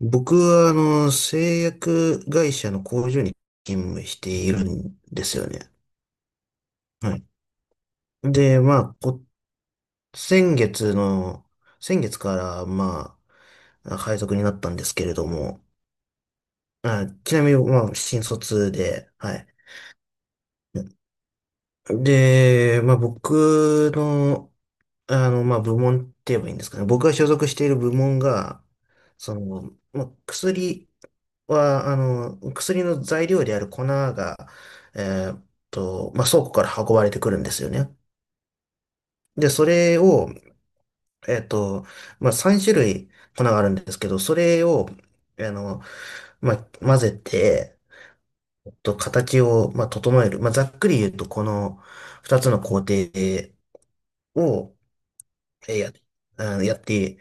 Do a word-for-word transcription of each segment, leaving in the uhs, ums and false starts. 僕は、あの、製薬会社の工場に勤務しているんですよね。はい。で、まあ、こ、先月の、先月から、まあ、配属になったんですけれども、あ、ちなみに、まあ、新卒で、はい。で、まあ、僕の、あの、まあ、部門って言えばいいんですかね。僕が所属している部門が、その、まあ、薬は、あの、薬の材料である粉が、えーっと、まあ、倉庫から運ばれてくるんですよね。で、それを、えーっと、まあ、さんしゅるい種類粉があるんですけど、それを、あの、まあ、混ぜて、えっと、形を、まあ、整える。まあ、ざっくり言うと、このふたつの工程を、えーや、あのやって、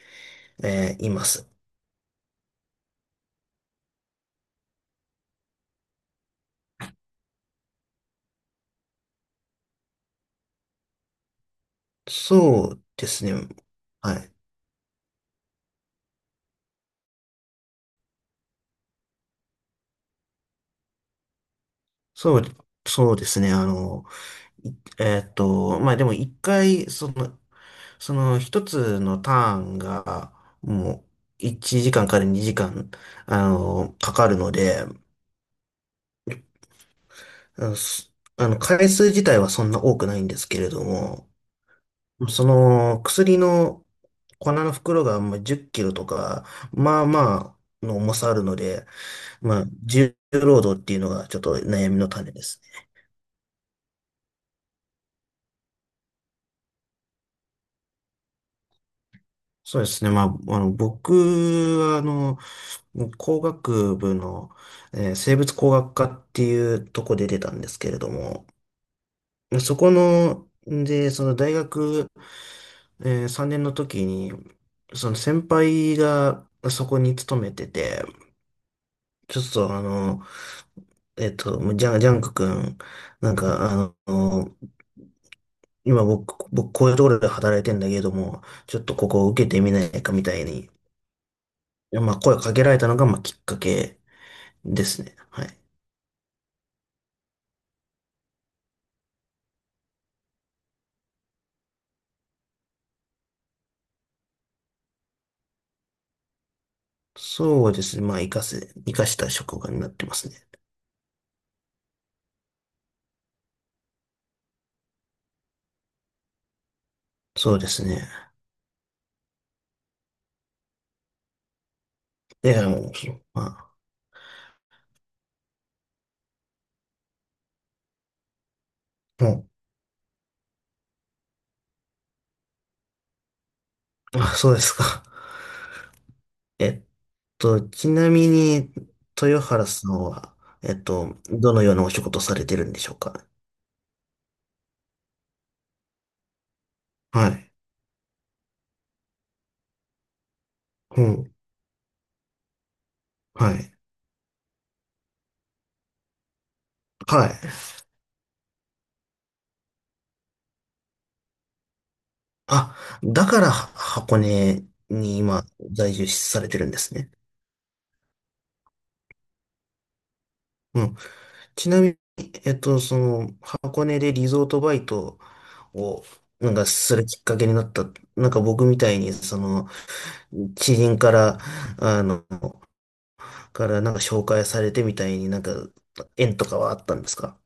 えーいます。そうですね。はい。そう、そうですね。あの、いえーっと、まあでもいっかい、その、そのひとつのターンが、もう、いちじかんかんからにじかん、あの、かかるので、あの、すあの回数自体はそんな多くないんですけれども、その、薬の粉の袋が、まあ、じゅっキロとか、まあまあ、の重さあるので、まあ、重労働っていうのがちょっと悩みの種です。そうですね。まあ、あの、僕は、あの、もう工学部の、えー生物工学科っていうとこで出たんですけれども、そこの、で、その大学、えーさんねんの時に、その先輩がそこに勤めてて、ちょっとあの、えっと、ジャン、ジャンク君、なんかあの、今僕、僕こういうところで働いてんだけれども、ちょっとここを受けてみないかみたいに、まあ声をかけられたのが、まあきっかけですね。はい。そうですね。まあ、活かせ、活かした職場になってますね。そうですね。いや、もう、まあ、もう、あ、そうですか。えっと、ちなみに、豊原さんは、えっと、どのようなお仕事をされてるんでしょうか？はい。うん。はい。はい。あ、だから、箱根に今、在住されてるんですね。うん。ちなみに、えっと、その、箱根でリゾートバイトを、なんかするきっかけになった。なんか僕みたいに、その、知人から、あの、から、なんか紹介されてみたいになんか、縁とかはあったんですか？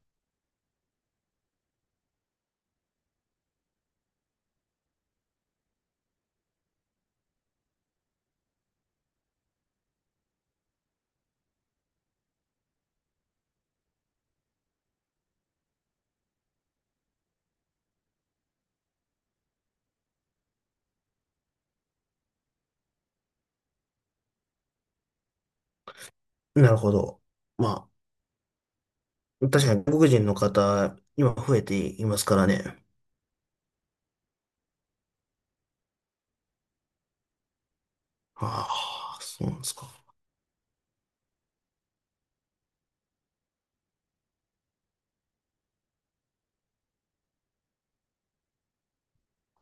なるほど。まあ、確かに外国人の方、今増えていますからね。ああ、そうなんですか。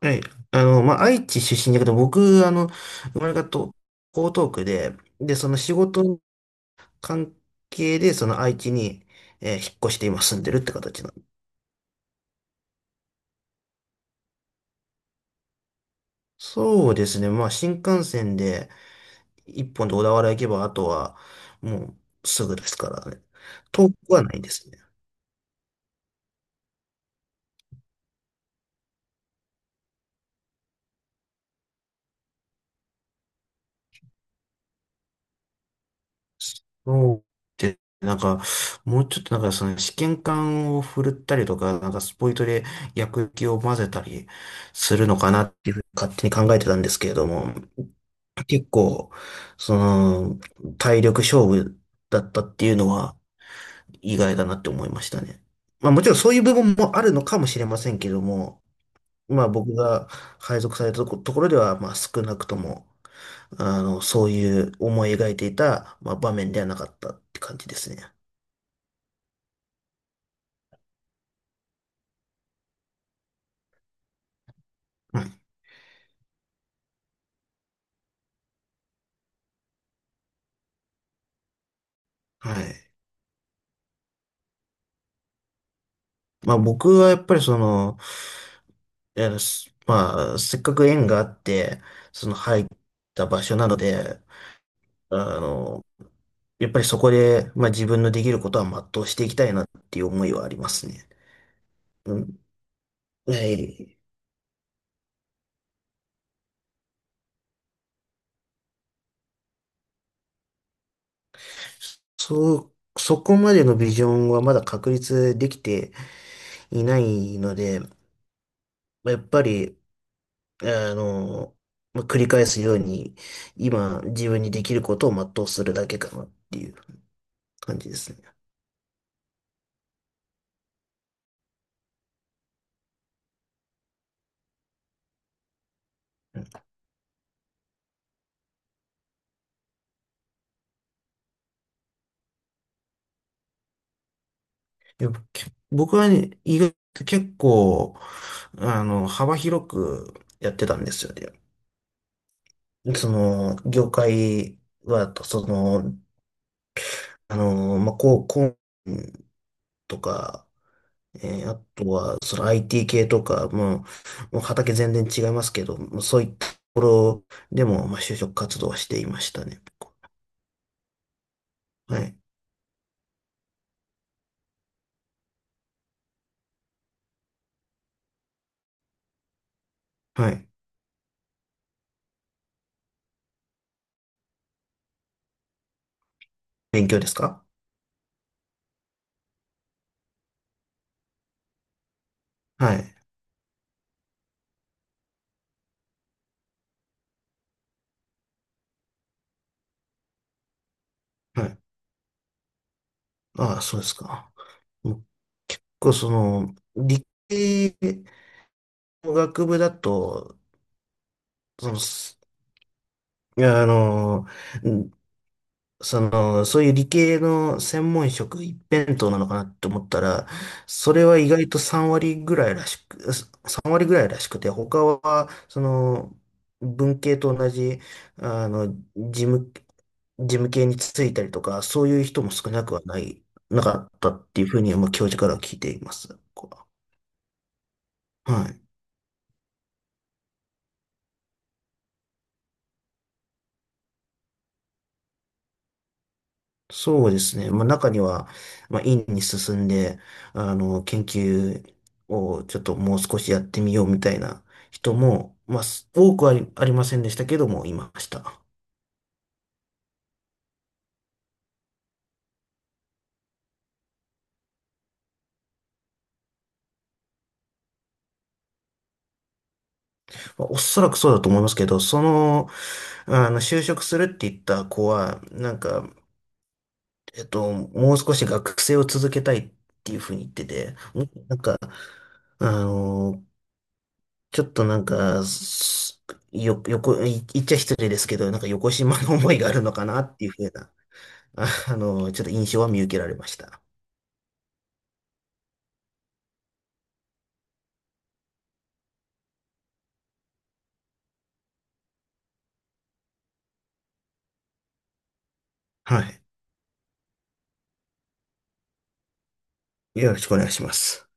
はい。あの、まあ、愛知出身だけど、僕、あの、生まれがと江東区で、で、その仕事の関係で、その愛知に、えー引っ越して今住んでるって形なんです。そうですね。まあ、新幹線でいっぽんで小田原行けば、あとはもうすぐですからね。遠くはないですね。そうで、なんか、もうちょっとなんかその試験管を振るったりとか、なんかスポイトで薬液を混ぜたりするのかなっていうふうに勝手に考えてたんですけれども、結構、その、体力勝負だったっていうのは意外だなって思いましたね。まあもちろんそういう部分もあるのかもしれませんけども、まあ僕が配属されたとこ、ところでは、まあ少なくとも、あの、そういう思い描いていた、まあ場面ではなかったって感じですね。うん。はい。まあ僕はやっぱりその、いやすまあせっかく縁があって、その入った場所なので、あの、やっぱりそこで、まあ自分のできることは全うしていきたいなっていう思いはありますね。うん。はい。そう、そこまでのビジョンはまだ確立できていないので、まあやっぱり、あの、まあ繰り返すように、今自分にできることを全うするだけかなっていう感じですね。いやけ僕はね、意外と結構、あの、幅広くやってたんですよね。その、業界は、その、あの、まあ、こう、こうとか、えーあとは、その アイティー 系とか、もう、もう畑全然違いますけど、もうそういったところでも、まあ、就職活動はしていましたね。はい。はい。勉強ですか？はい。はい。ああ、そうですか。僕、その、理系の学部だと、その、すいや、あの、その、そういう理系の専門職一辺倒なのかなって思ったら、それは意外とさんわり割ぐらいらしく、さんわり割ぐらいらしくて、他は、その、文系と同じ、あの、事務、事務系に就いたりとか、そういう人も少なくはない、なかったっていうふうに、まあ、教授からは聞いています。こうはい。そうですね。まあ、中には、まあ、院に進んで、あの、研究をちょっともう少しやってみようみたいな人も、まあ、す多くはありませんでしたけども、いました。まあ、おそらくそうだと思いますけど、その、あの、就職するって言った子は、なんか、えっと、もう少し学生を続けたいっていうふうに言ってて、もなんか、あの、ちょっとなんか、すよ、よこ、い言っちゃ失礼ですけど、なんかよこしまの思いがあるのかなっていうふうなああの、ちょっと印象は見受けられました。はい。よろしくお願いします。